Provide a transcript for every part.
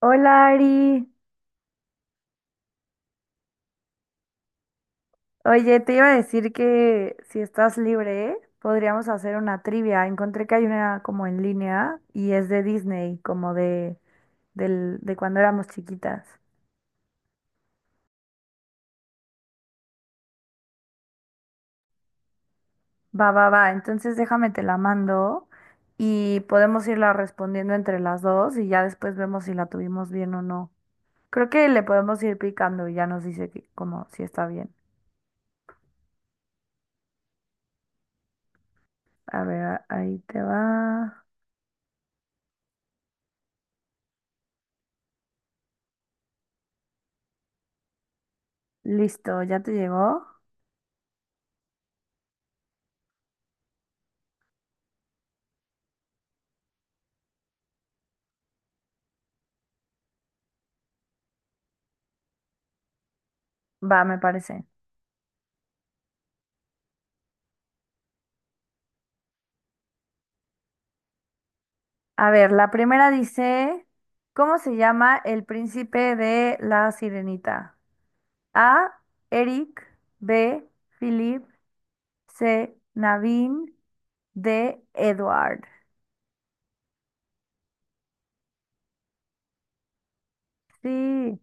Hola Ari, oye, te iba a decir que si estás libre, podríamos hacer una trivia. Encontré que hay una como en línea y es de Disney, como de cuando éramos chiquitas. Va, va, va, entonces déjame te la mando y podemos irla respondiendo entre las dos y ya después vemos si la tuvimos bien o no. Creo que le podemos ir picando y ya nos dice que, como si está bien. A ver, ahí te va. Listo, ¿ya te llegó? Va, me parece. A ver, la primera dice, ¿cómo se llama el príncipe de la sirenita? A, Eric, B, Philip, C, Naveen, D, Edward. Sí,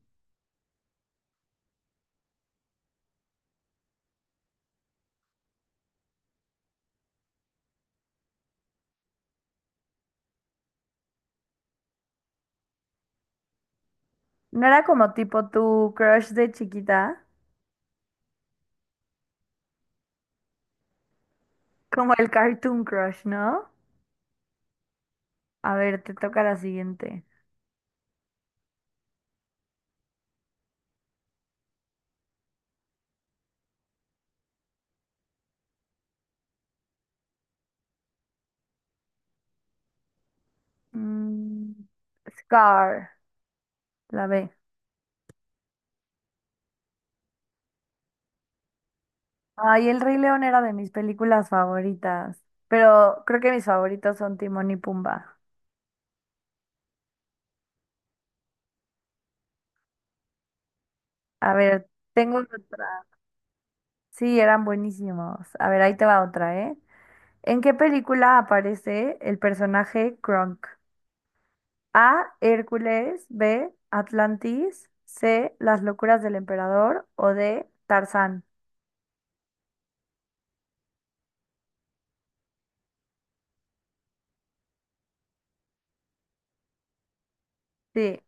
no era como tipo tu crush de chiquita, como el cartoon crush, ¿no? A ver, te toca la siguiente. Mm, Scar, la B. Ay, El Rey León era de mis películas favoritas, pero creo que mis favoritos son Timón y Pumba. A ver, tengo otra. Sí, eran buenísimos. A ver, ahí te va otra, ¿eh? ¿En qué película aparece el personaje Kronk? A, Hércules. B, Atlantis. C, Las locuras del emperador. O D, Tarzán. Sí,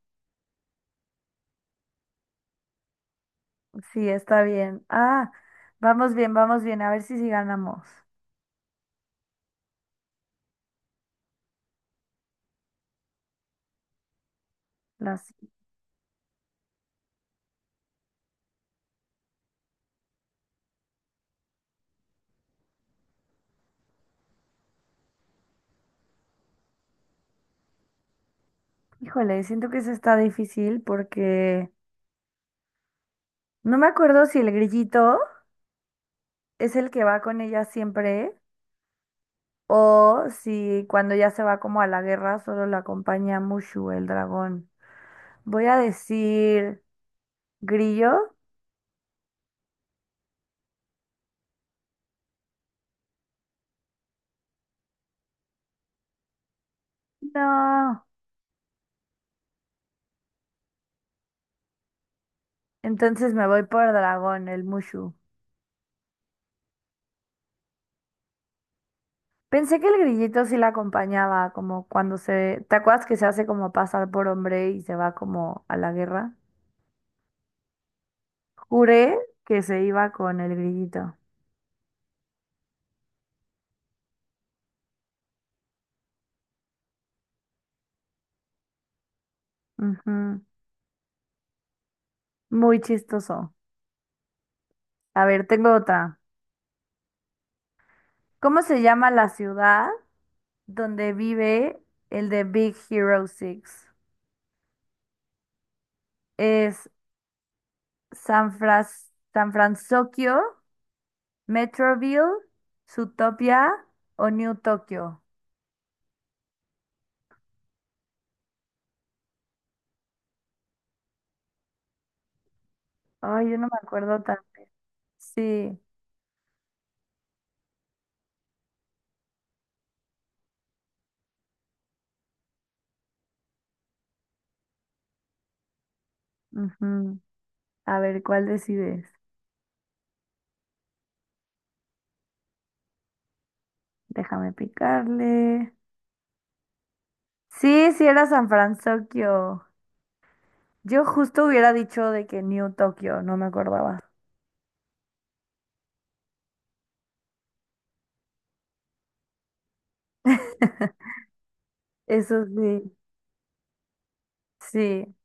sí, está bien. Ah, vamos bien, vamos bien. A ver si sí ganamos. Las... Híjole, siento que eso está difícil porque no me acuerdo si el grillito es el que va con ella siempre. O si cuando ya se va como a la guerra solo la acompaña Mushu, el dragón. Voy a decir grillo. No. Entonces me voy por dragón, el Mushu. Pensé que el grillito sí la acompañaba, como cuando se... ¿Te acuerdas que se hace como pasar por hombre y se va como a la guerra? Juré que se iba con el grillito. Ujú. Muy chistoso. A ver, tengo otra. ¿Cómo se llama la ciudad donde vive el de Big Hero 6? Es San Francisco, Metroville, Zootopia o New Tokyo. Ay, yo no me acuerdo tan bien. Sí. Ujú. A ver, ¿cuál decides? Déjame picarle. Sí, sí era San Francisco. Yo justo hubiera dicho de que New Tokyo, no me acordaba. Eso sí. Sí.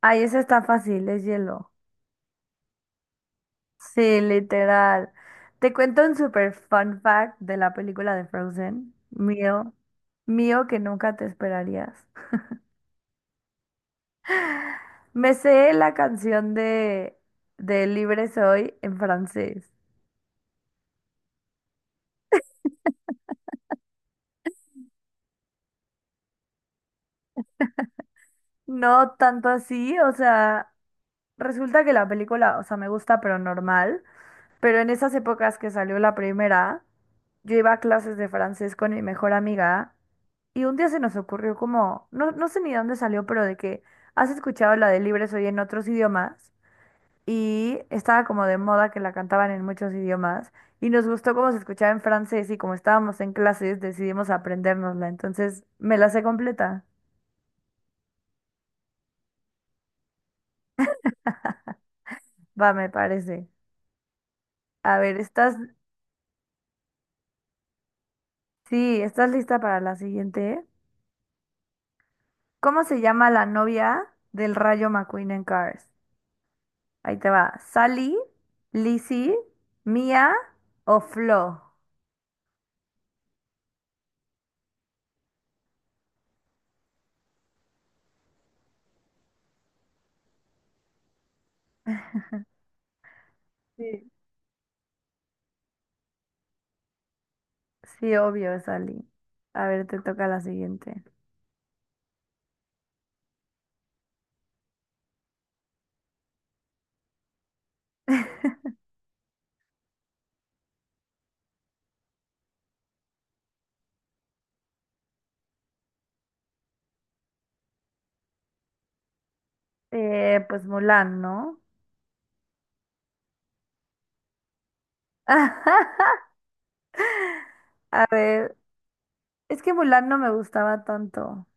Ay, ese está fácil, es hielo. Sí, literal. Te cuento un super fun fact de la película de Frozen, mío que nunca te esperarías. Me sé la canción de Libre Soy en francés. No tanto así, o sea, resulta que la película, o sea, me gusta, pero normal. Pero en esas épocas que salió la primera, yo iba a clases de francés con mi mejor amiga y un día se nos ocurrió como, no, no sé ni dónde salió, pero de que has escuchado la de Libre Soy en otros idiomas y estaba como de moda que la cantaban en muchos idiomas y nos gustó cómo se escuchaba en francés y como estábamos en clases decidimos aprendérnosla. Entonces me la sé completa. Va, me parece. A ver, ¿estás, sí, estás lista para la siguiente? ¿Cómo se llama la novia del Rayo McQueen en Cars? Ahí te va. ¿Sally, Lizzie, Mia o Flo? Sí. Sí, obvio, Sally. A ver, te toca la siguiente. Pues Mulan, ¿no? A ver, es que Mulan no me gustaba tanto.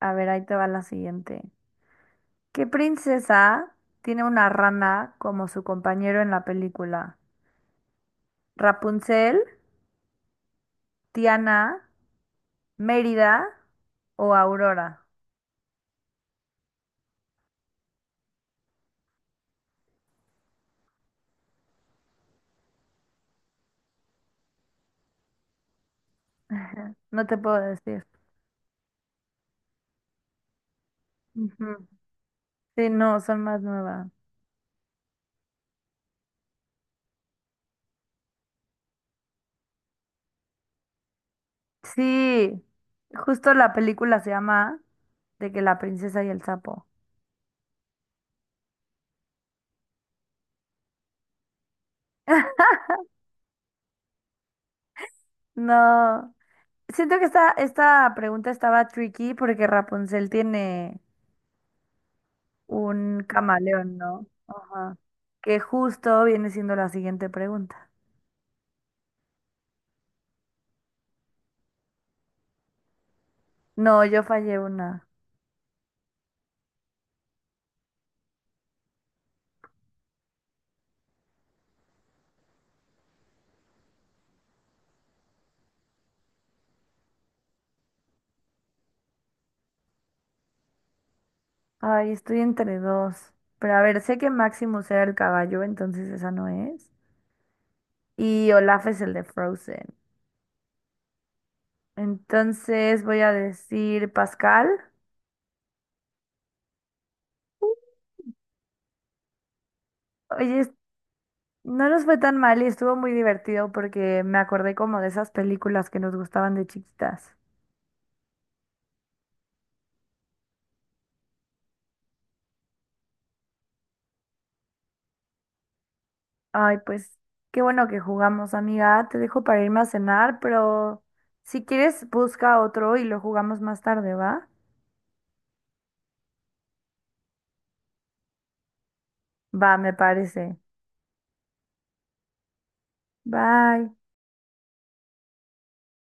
A ver, ahí te va la siguiente. ¿Qué princesa tiene una rana como su compañero en la película? ¿Rapunzel, Tiana, Mérida o Aurora? No te puedo decir. Ujú. Sí, no, son más nuevas. Sí, justo la película se llama de que la princesa y el sapo. No, siento que esta pregunta estaba tricky porque Rapunzel tiene un camaleón, ¿no? Ajá. Que justo viene siendo la siguiente pregunta. No, yo fallé una. Ay, estoy entre dos. Pero a ver, sé que Maximus era el caballo, entonces esa no es. Y Olaf es el de Frozen. Entonces voy a decir Pascal. Oye, no nos fue tan mal y estuvo muy divertido porque me acordé como de esas películas que nos gustaban de chiquitas. Ay, pues qué bueno que jugamos, amiga. Te dejo para irme a cenar, pero si quieres busca otro y lo jugamos más tarde, ¿va? Va, me parece. Bye.